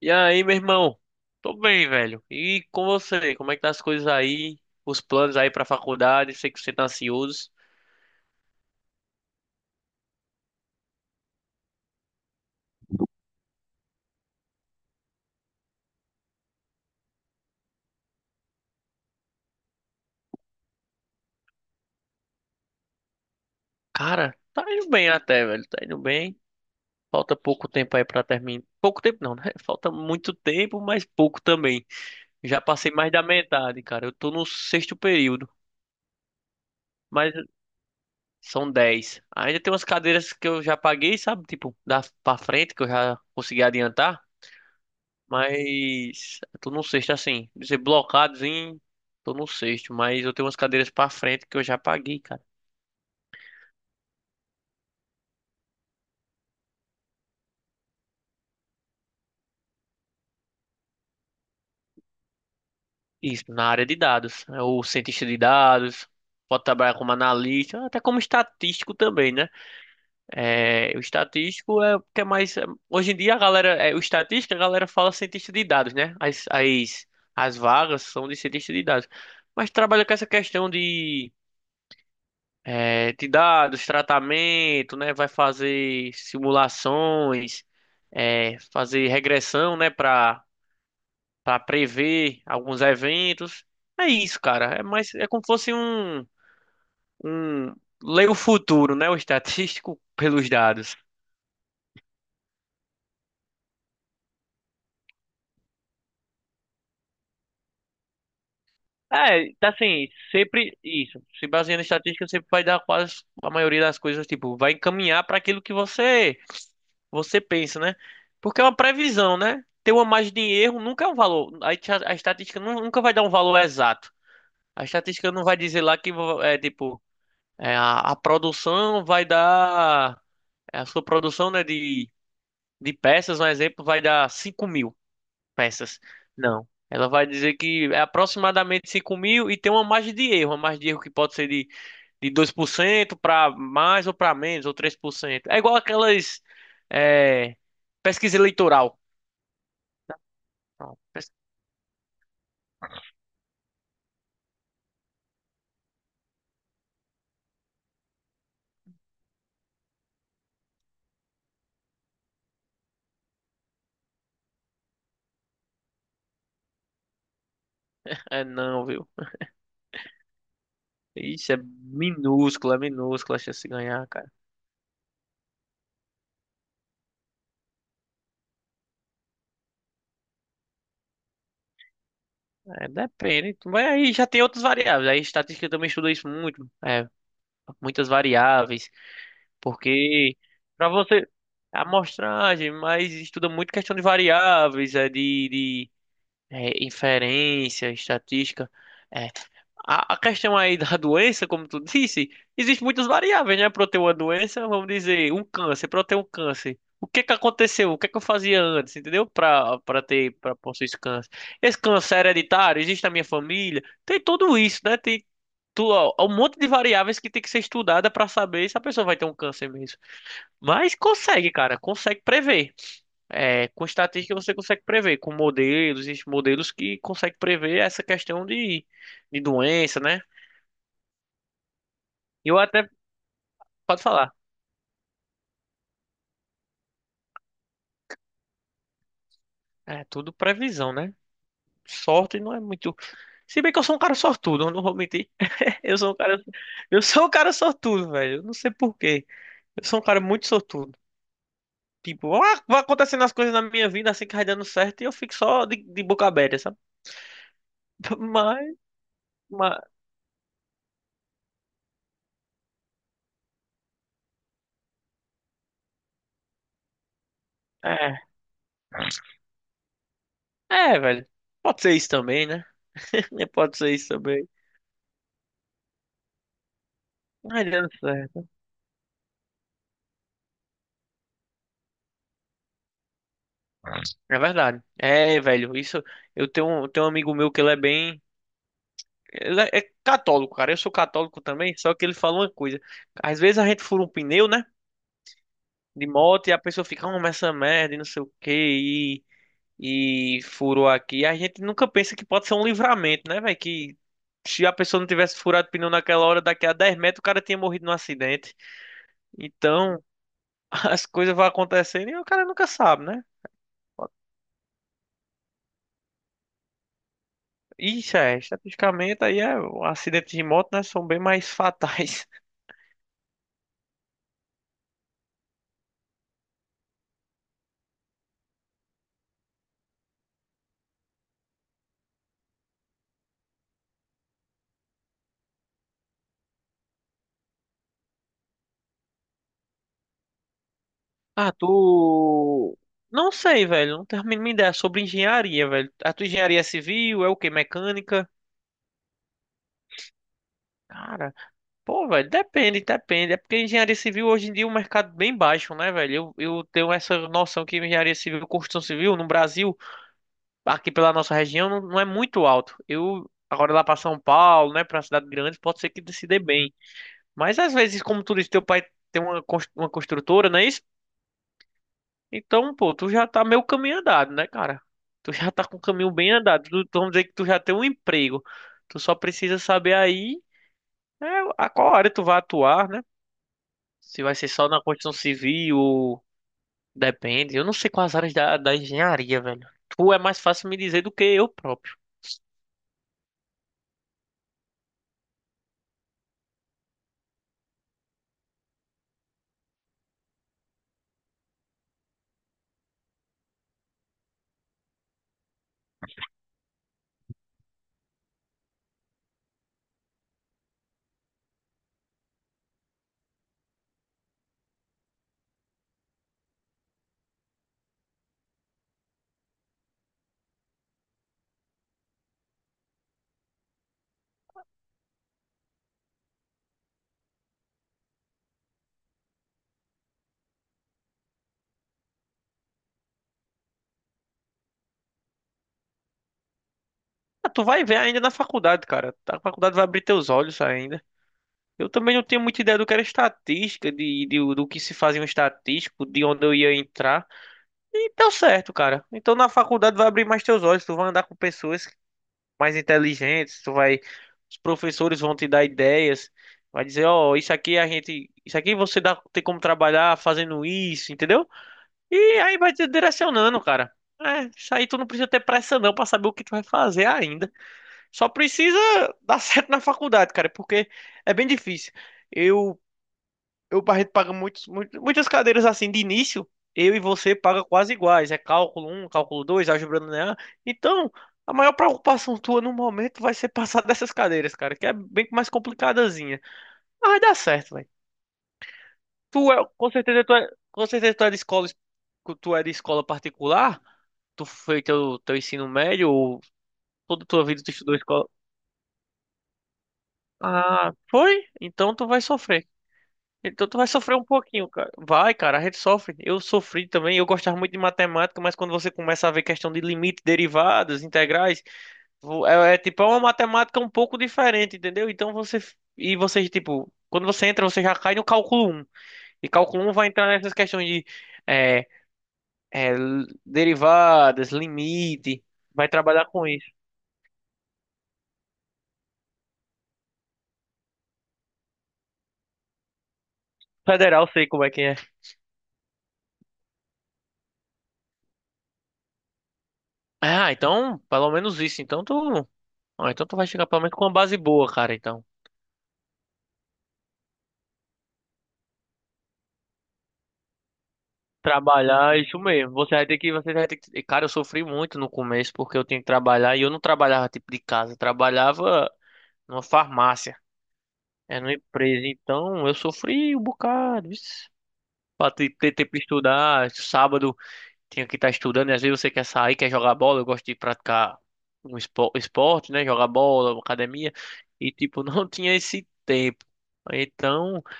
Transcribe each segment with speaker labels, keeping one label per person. Speaker 1: E aí, meu irmão? Tô bem, velho. E com você? Como é que tá as coisas aí? Os planos aí pra faculdade? Sei que você tá ansioso. Cara, tá indo bem até, velho. Tá indo bem. Falta pouco tempo aí pra terminar. Pouco tempo não, né? Falta muito tempo, mas pouco também. Já passei mais da metade, cara. Eu tô no sexto período, mas são 10. Ainda tem umas cadeiras que eu já paguei, sabe? Tipo, da pra frente que eu já consegui adiantar. Mas eu tô no sexto, assim, dizer blocados em. Tô no sexto, mas eu tenho umas cadeiras pra frente que eu já paguei, cara. Isso, na área de dados. É o cientista de dados, pode trabalhar como analista, até como estatístico também, né? É, o estatístico é o que é mais. Hoje em dia a galera. É, o estatístico, a galera fala cientista de dados, né? As vagas são de cientista de dados. Mas trabalha com essa questão de de dados, tratamento, né? Vai fazer simulações, fazer regressão, né? Para prever alguns eventos. É isso, cara. É mais é como se fosse um ler o futuro, né? O estatístico pelos dados. É, tá assim, sempre isso. Se baseando em estatística, sempre vai dar quase a maioria das coisas, tipo, vai encaminhar para aquilo que você pensa, né? Porque é uma previsão, né? Ter uma margem de erro nunca é um valor. A estatística nunca vai dar um valor exato. A estatística não vai dizer lá que é tipo é, a produção vai dar é, a sua produção, né, de peças, um exemplo, vai dar 5.000 peças. Não. Ela vai dizer que é aproximadamente 5.000 e tem uma margem de erro. Uma margem de erro que pode ser de 2% para mais ou para menos, ou 3%. É igual aquelas é, pesquisa eleitoral. É não, viu? Isso é minúscula a chance de ganhar, cara. É, depende. Mas aí já tem outras variáveis. Aí estatística também estuda isso muito. É, muitas variáveis. Porque pra você. A amostragem, mas estuda muito questão de variáveis, inferência, estatística. É, a questão aí da doença, como tu disse, existe muitas variáveis, né? Para eu ter uma doença, vamos dizer, um câncer, para eu ter um câncer. O que que aconteceu? O que que eu fazia antes, entendeu? Para ter, para possuir esse câncer. Esse câncer é hereditário, existe na minha família, tem tudo isso, né? Tem tu, ó, um monte de variáveis que tem que ser estudada para saber se a pessoa vai ter um câncer mesmo. Mas consegue, cara, consegue prever. É, com estatística você consegue prever, com modelos, existem modelos que conseguem prever essa questão de doença, né? E eu até, pode falar, é tudo previsão, né? Sorte não é muito. Se bem que eu sou um cara sortudo, eu não vou mentir. Eu sou um cara, eu sou um cara sortudo, velho. Eu não sei por quê. Eu sou um cara muito sortudo. Tipo, ah, vai acontecendo as coisas na minha vida assim que vai dando certo e eu fico só de boca aberta, sabe? Mas, mas, é. É, velho. Pode ser isso também, né? Pode ser isso também. Ai, dando certo. É verdade. É, velho, isso. Tenho um amigo meu que ele é bem. Ele é católico, cara. Eu sou católico também, só que ele fala uma coisa. Às vezes a gente fura um pneu, né? De moto e a pessoa fica, ah, mas essa merda e não sei o quê, e furou aqui. A gente nunca pensa que pode ser um livramento, né, velho? Que se a pessoa não tivesse furado o pneu naquela hora, daqui a 10 metros o cara tinha morrido num acidente. Então, as coisas vão acontecendo e o cara nunca sabe, né? Isso é, estatisticamente aí é, acidentes de moto, né, são bem mais fatais. Ah. Não sei, velho, não tenho a mínima ideia sobre engenharia, velho. A tua engenharia civil é o quê? Mecânica? Cara, pô, velho, depende, depende. É porque engenharia civil hoje em dia é um mercado é bem baixo, né, velho? Eu tenho essa noção que engenharia civil, construção civil no Brasil, aqui pela nossa região, não, não é muito alto. Eu, agora lá pra São Paulo, né, pra cidade grande, pode ser que se dê bem. Mas às vezes, como tu disse, teu pai tem uma construtora, não é isso? Então, pô, tu já tá meio caminho andado, né, cara? Tu já tá com o caminho bem andado. Vamos dizer que tu já tem um emprego. Tu só precisa saber aí, né, a qual área tu vai atuar, né? Se vai ser só na construção civil, depende. Eu não sei quais áreas da engenharia, velho. Tu é mais fácil me dizer do que eu próprio. Ah, tu vai ver ainda na faculdade, cara. A faculdade vai abrir teus olhos ainda. Eu também não tenho muita ideia do que era estatística, do que se fazia um estatístico, de onde eu ia entrar. E deu certo, cara. Então na faculdade vai abrir mais teus olhos, tu vai andar com pessoas mais inteligentes, tu vai, os professores vão te dar ideias, vai dizer, ó, isso aqui a gente, isso aqui você dá, tem como trabalhar fazendo isso, entendeu? E aí vai te direcionando, cara. É, isso aí tu não precisa ter pressa não pra saber o que tu vai fazer ainda. Só precisa dar certo na faculdade, cara, porque é bem difícil. Eu eu e o Barreto paga muitas cadeiras assim de início, eu e você paga quase iguais. É cálculo um cálculo 2 álgebra linear. Então, a maior preocupação tua no momento vai ser passar dessas cadeiras, cara, que é bem mais complicadazinha. Mas vai dar certo, velho. Com certeza tu é de escola particular? Tu fez teu ensino médio ou toda tua vida tu estudou escola? Ah, foi? Então tu vai sofrer. Então tu vai sofrer um pouquinho, cara. Vai, cara, a gente sofre. Eu sofri também, eu gostava muito de matemática, mas quando você começa a ver questão de limite, derivadas, integrais. É tipo uma matemática um pouco diferente, entendeu? Então você tipo, quando você entra, você já cai no cálculo um. E cálculo um vai entrar nessas questões de é, derivadas, limite, vai trabalhar com isso. Federal, sei como é que é. Ah, então, pelo menos isso. Então tu vai chegar pelo menos com uma base boa, cara, então. Trabalhar, é isso mesmo. Você vai ter que. Cara, eu sofri muito no começo porque eu tinha que trabalhar e eu não trabalhava tipo de casa, eu trabalhava numa farmácia, é numa empresa. Então eu sofri um bocado, vixe. Pra ter tempo de estudar, sábado tinha que estar estudando, e às vezes você quer sair, quer jogar bola, eu gosto de praticar um esporte, né? Jogar bola, academia, e tipo, não tinha esse tempo. Então, a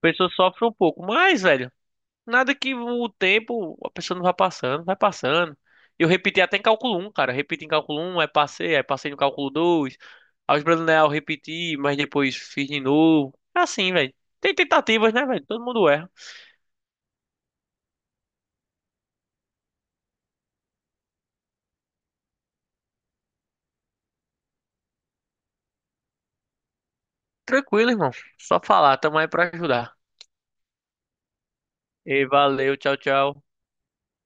Speaker 1: pessoa sofre um pouco, mas, velho. Nada que o tempo, a pessoa não vai passando, vai passando. Eu repeti até em cálculo um cara. Repeti em cálculo um aí passei no cálculo dois. Álgebra linear eu repeti, mas depois fiz de novo. É assim, velho. Tem tentativas, né, velho? Todo mundo erra. Tranquilo, irmão. Só falar, tamo aí pra ajudar. E valeu, tchau, tchau.